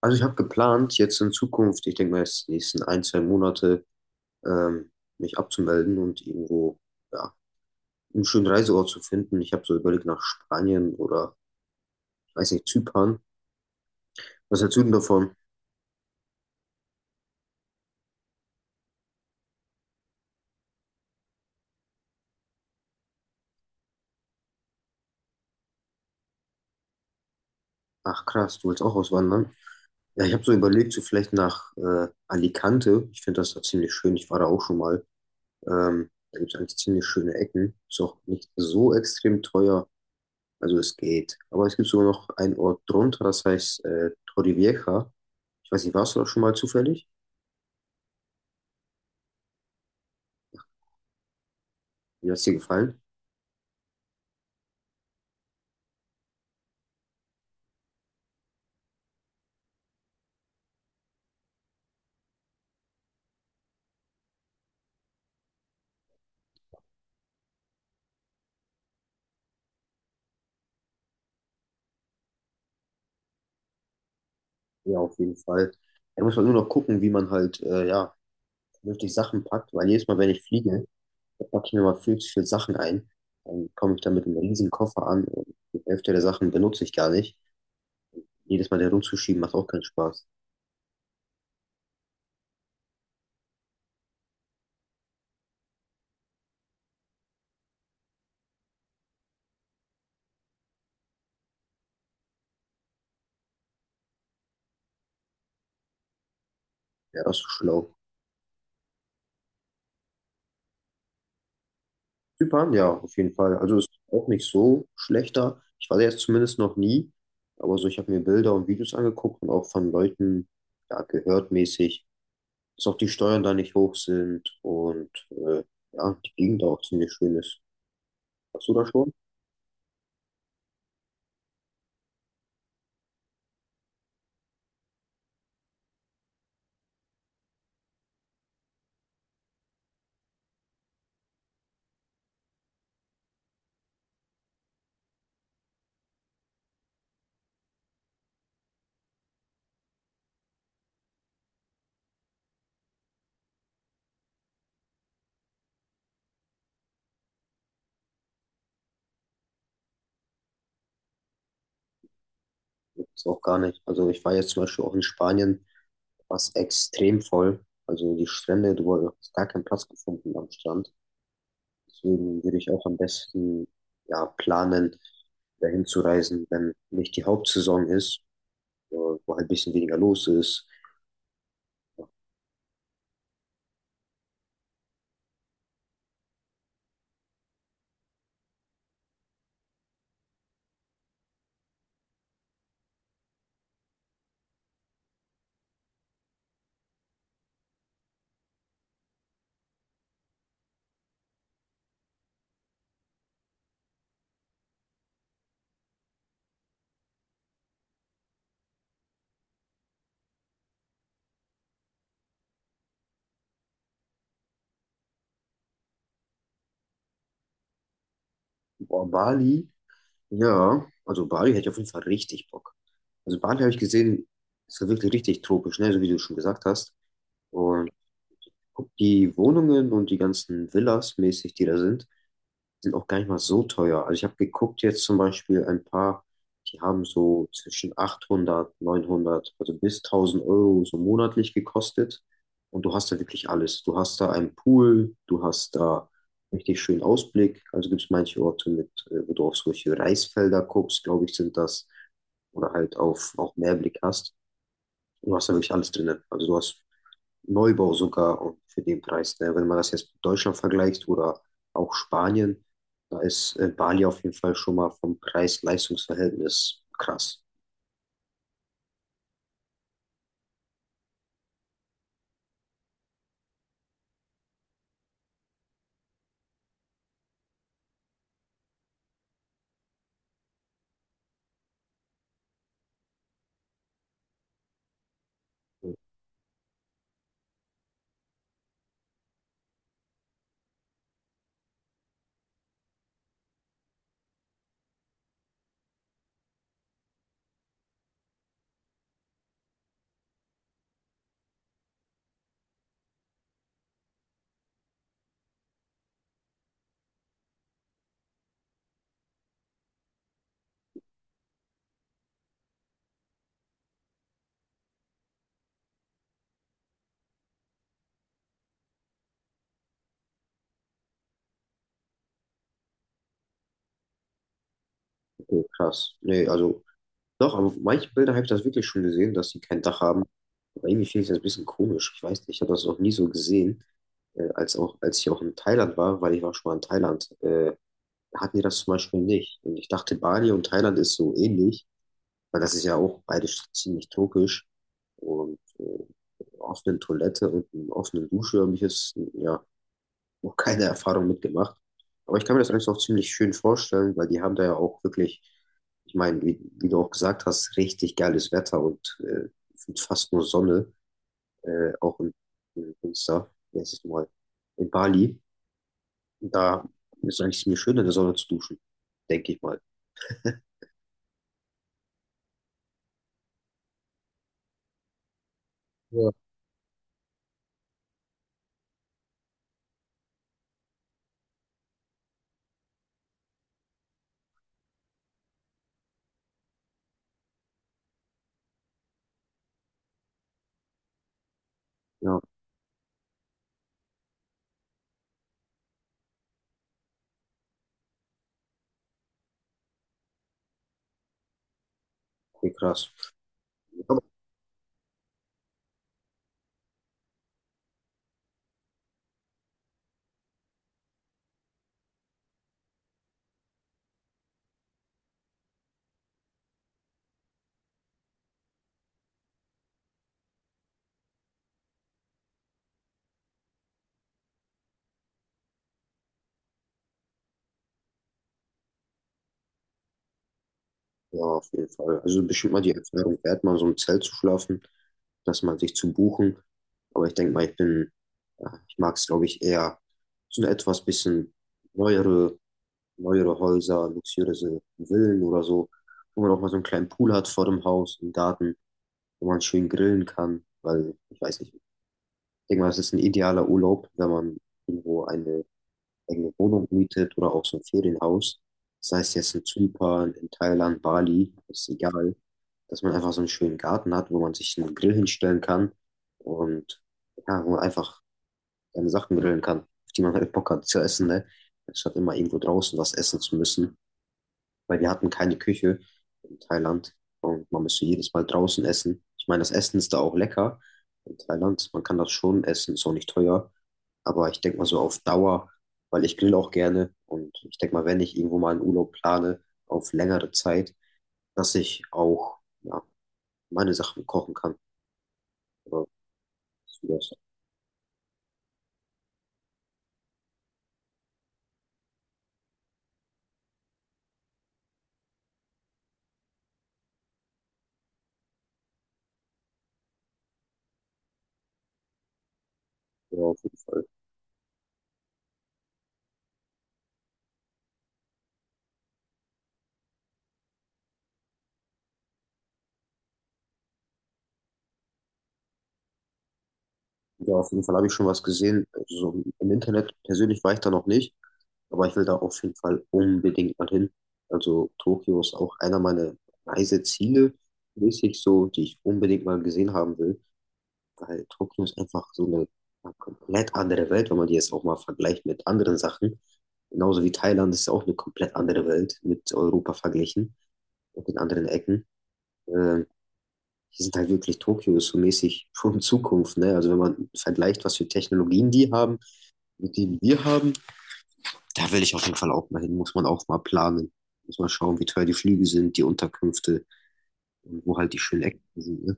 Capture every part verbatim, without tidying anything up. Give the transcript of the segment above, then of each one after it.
Also ich habe geplant, jetzt in Zukunft, ich denke mal jetzt die nächsten ein, zwei Monate, ähm, mich abzumelden und irgendwo, ja, einen schönen Reiseort zu finden. Ich habe so überlegt nach Spanien oder, ich weiß nicht, Zypern. Was hältst du denn davon? Ach krass, du willst auch auswandern? Ja, ich habe so überlegt, so vielleicht nach äh, Alicante. Ich finde das da ziemlich schön. Ich war da auch schon mal. Ähm, da gibt es eigentlich ziemlich schöne Ecken. Ist auch nicht so extrem teuer. Also es geht. Aber es gibt sogar noch einen Ort drunter, das heißt äh, Torrevieja. Ich weiß nicht, warst du da schon mal zufällig? Wie hat es dir gefallen? Ja, auf jeden Fall. Da muss man nur noch gucken, wie man halt, äh, ja, vernünftig Sachen packt, weil jedes Mal, wenn ich fliege, da packe ich mir mal viel zu viele Sachen ein. Dann komme ich da mit einem riesen Koffer an und die Hälfte der Sachen benutze ich gar nicht. Jedes Mal da rumzuschieben macht auch keinen Spaß. Ja, das ist so schlau. Zypern, ja, auf jeden Fall. Also ist auch nicht so schlechter. Ich war da jetzt zumindest noch nie, aber so, ich habe mir Bilder und Videos angeguckt und auch von Leuten, ja, gehört mäßig, dass auch die Steuern da nicht hoch sind und äh, ja, die Gegend auch ziemlich schön ist. Warst du da schon? Ist auch gar nicht. Also ich war jetzt zum Beispiel auch in Spanien, war es extrem voll. Also die Strände, du hast gar keinen Platz gefunden am Strand. Deswegen würde ich auch am besten ja, planen, dahin zu reisen, wenn nicht die Hauptsaison ist, wo wo halt ein bisschen weniger los ist. Boah, Bali, ja, also Bali hätte ich auf jeden Fall richtig Bock. Also Bali habe ich gesehen, ist ja wirklich richtig tropisch, ne, so wie du schon gesagt hast. Und guck, die Wohnungen und die ganzen Villas mäßig, die da sind, sind auch gar nicht mal so teuer. Also ich habe geguckt jetzt zum Beispiel ein paar, die haben so zwischen achthundert, neunhundert, also bis tausend Euro so monatlich gekostet. Und du hast da wirklich alles. Du hast da einen Pool, du hast da richtig schönen Ausblick. Also gibt es manche Orte mit, äh, wo du auf solche Reisfelder guckst, glaube ich, sind das. Oder halt auf auch Meerblick hast. Du hast da wirklich alles drin. Also du hast Neubau sogar und für den Preis. Ne? Wenn man das jetzt mit Deutschland vergleicht oder auch Spanien, da ist äh, Bali auf jeden Fall schon mal vom Preis-Leistungs-Verhältnis krass. Okay, krass. Nee, also doch, aber manche Bilder habe ich das wirklich schon gesehen, dass sie kein Dach haben. Aber irgendwie finde ich das ein bisschen komisch. Ich weiß nicht, ich habe das noch nie so gesehen, äh, als auch, als ich auch in Thailand war, weil ich war schon mal in Thailand. Äh, hatten die das zum Beispiel nicht. Und ich dachte, Bali und Thailand ist so ähnlich. Weil das ist ja auch beides ziemlich türkisch. Und äh, einer offenen Toilette und einer offenen Dusche habe ich jetzt ja noch keine Erfahrung mitgemacht. Aber ich kann mir das eigentlich auch ziemlich schön vorstellen, weil die haben da ja auch wirklich, ich meine, wie, wie du auch gesagt hast, richtig geiles Wetter und äh, fast nur Sonne, äh, auch in, in Münster, letztes Mal in Bali. Da ist eigentlich ziemlich schön, in der Sonne zu duschen, denke ich mal. Ja, okay, krass. Ja, auf jeden Fall. Also bestimmt mal die Erfahrung wert, mal in so einem Zelt zu schlafen, das mal sich zu buchen. Aber ich denke mal, ich bin, ja, ich mag es, glaube ich, eher so eine etwas bisschen neuere, neuere Häuser, luxuriöse Villen oder so, wo man auch mal so einen kleinen Pool hat vor dem Haus, im Garten, wo man schön grillen kann, weil ich weiß nicht, ich denke mal, es ist ein idealer Urlaub, wenn man irgendwo eine eigene Wohnung mietet oder auch so ein Ferienhaus, sei es jetzt in Zypern, in Thailand, Bali, ist egal, dass man einfach so einen schönen Garten hat, wo man sich einen Grill hinstellen kann und ja, wo man einfach seine Sachen grillen kann, auf die man halt Bock hat zu essen, ne? Anstatt immer irgendwo draußen was essen zu müssen, weil wir hatten keine Küche in Thailand und man müsste jedes Mal draußen essen. Ich meine, das Essen ist da auch lecker in Thailand, man kann das schon essen, ist auch nicht teuer. Aber ich denke mal so auf Dauer, weil ich grill auch gerne und ich denke mal, wenn ich irgendwo mal einen Urlaub plane, auf längere Zeit, dass ich auch ja, meine Sachen kochen kann. Oder so das. Ja, auf jeden Fall. Ja, auf jeden Fall habe ich schon was gesehen. Also so im Internet persönlich war ich da noch nicht, aber ich will da auf jeden Fall unbedingt mal hin. Also Tokio ist auch einer meiner Reiseziele, mäßig so, die ich unbedingt mal gesehen haben will. Weil Tokio ist einfach so eine ja, komplett andere Welt, wenn man die jetzt auch mal vergleicht mit anderen Sachen. Genauso wie Thailand ist auch eine komplett andere Welt mit Europa verglichen und in anderen Ecken. Äh, Die sind halt wirklich Tokio ist so mäßig schon Zukunft, ne? Also wenn man vergleicht, was für Technologien die haben mit denen wir haben, da will ich auf jeden Fall auch mal hin, muss man auch mal planen. Muss man schauen, wie teuer die Flüge sind, die Unterkünfte und wo halt die schönen Ecken sind, ne?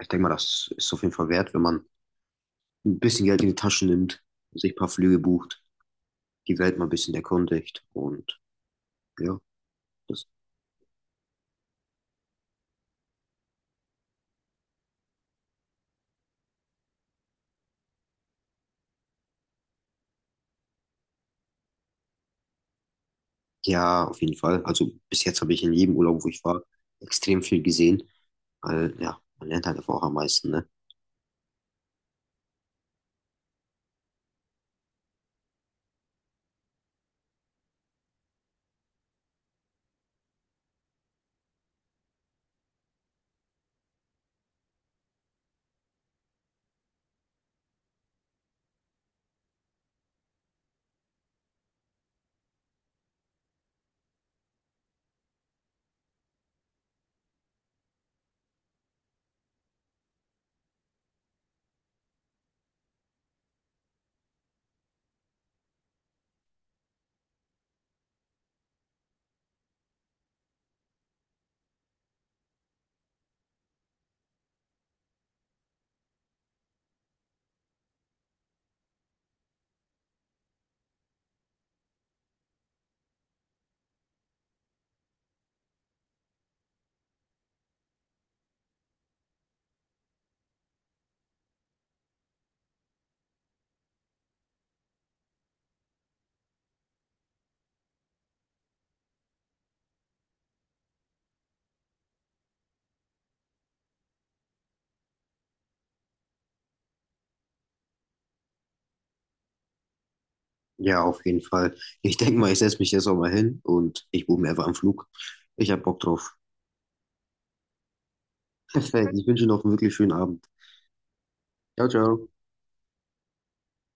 Ich denke mal, das ist auf jeden Fall wert, wenn man ein bisschen Geld in die Tasche nimmt, sich ein paar Flüge bucht, die Welt mal ein bisschen erkundigt und ja, das, ja, auf jeden Fall. Also bis jetzt habe ich in jedem Urlaub, wo ich war, extrem viel gesehen, weil ja, man lernt halt einfach auch am meisten, ne? Ja, auf jeden Fall. Ich denke mal, ich setze mich jetzt auch mal hin und ich buche mir einfach einen Flug. Ich habe Bock drauf. Perfekt. Ich wünsche noch einen wirklich schönen Abend. Ciao, ciao.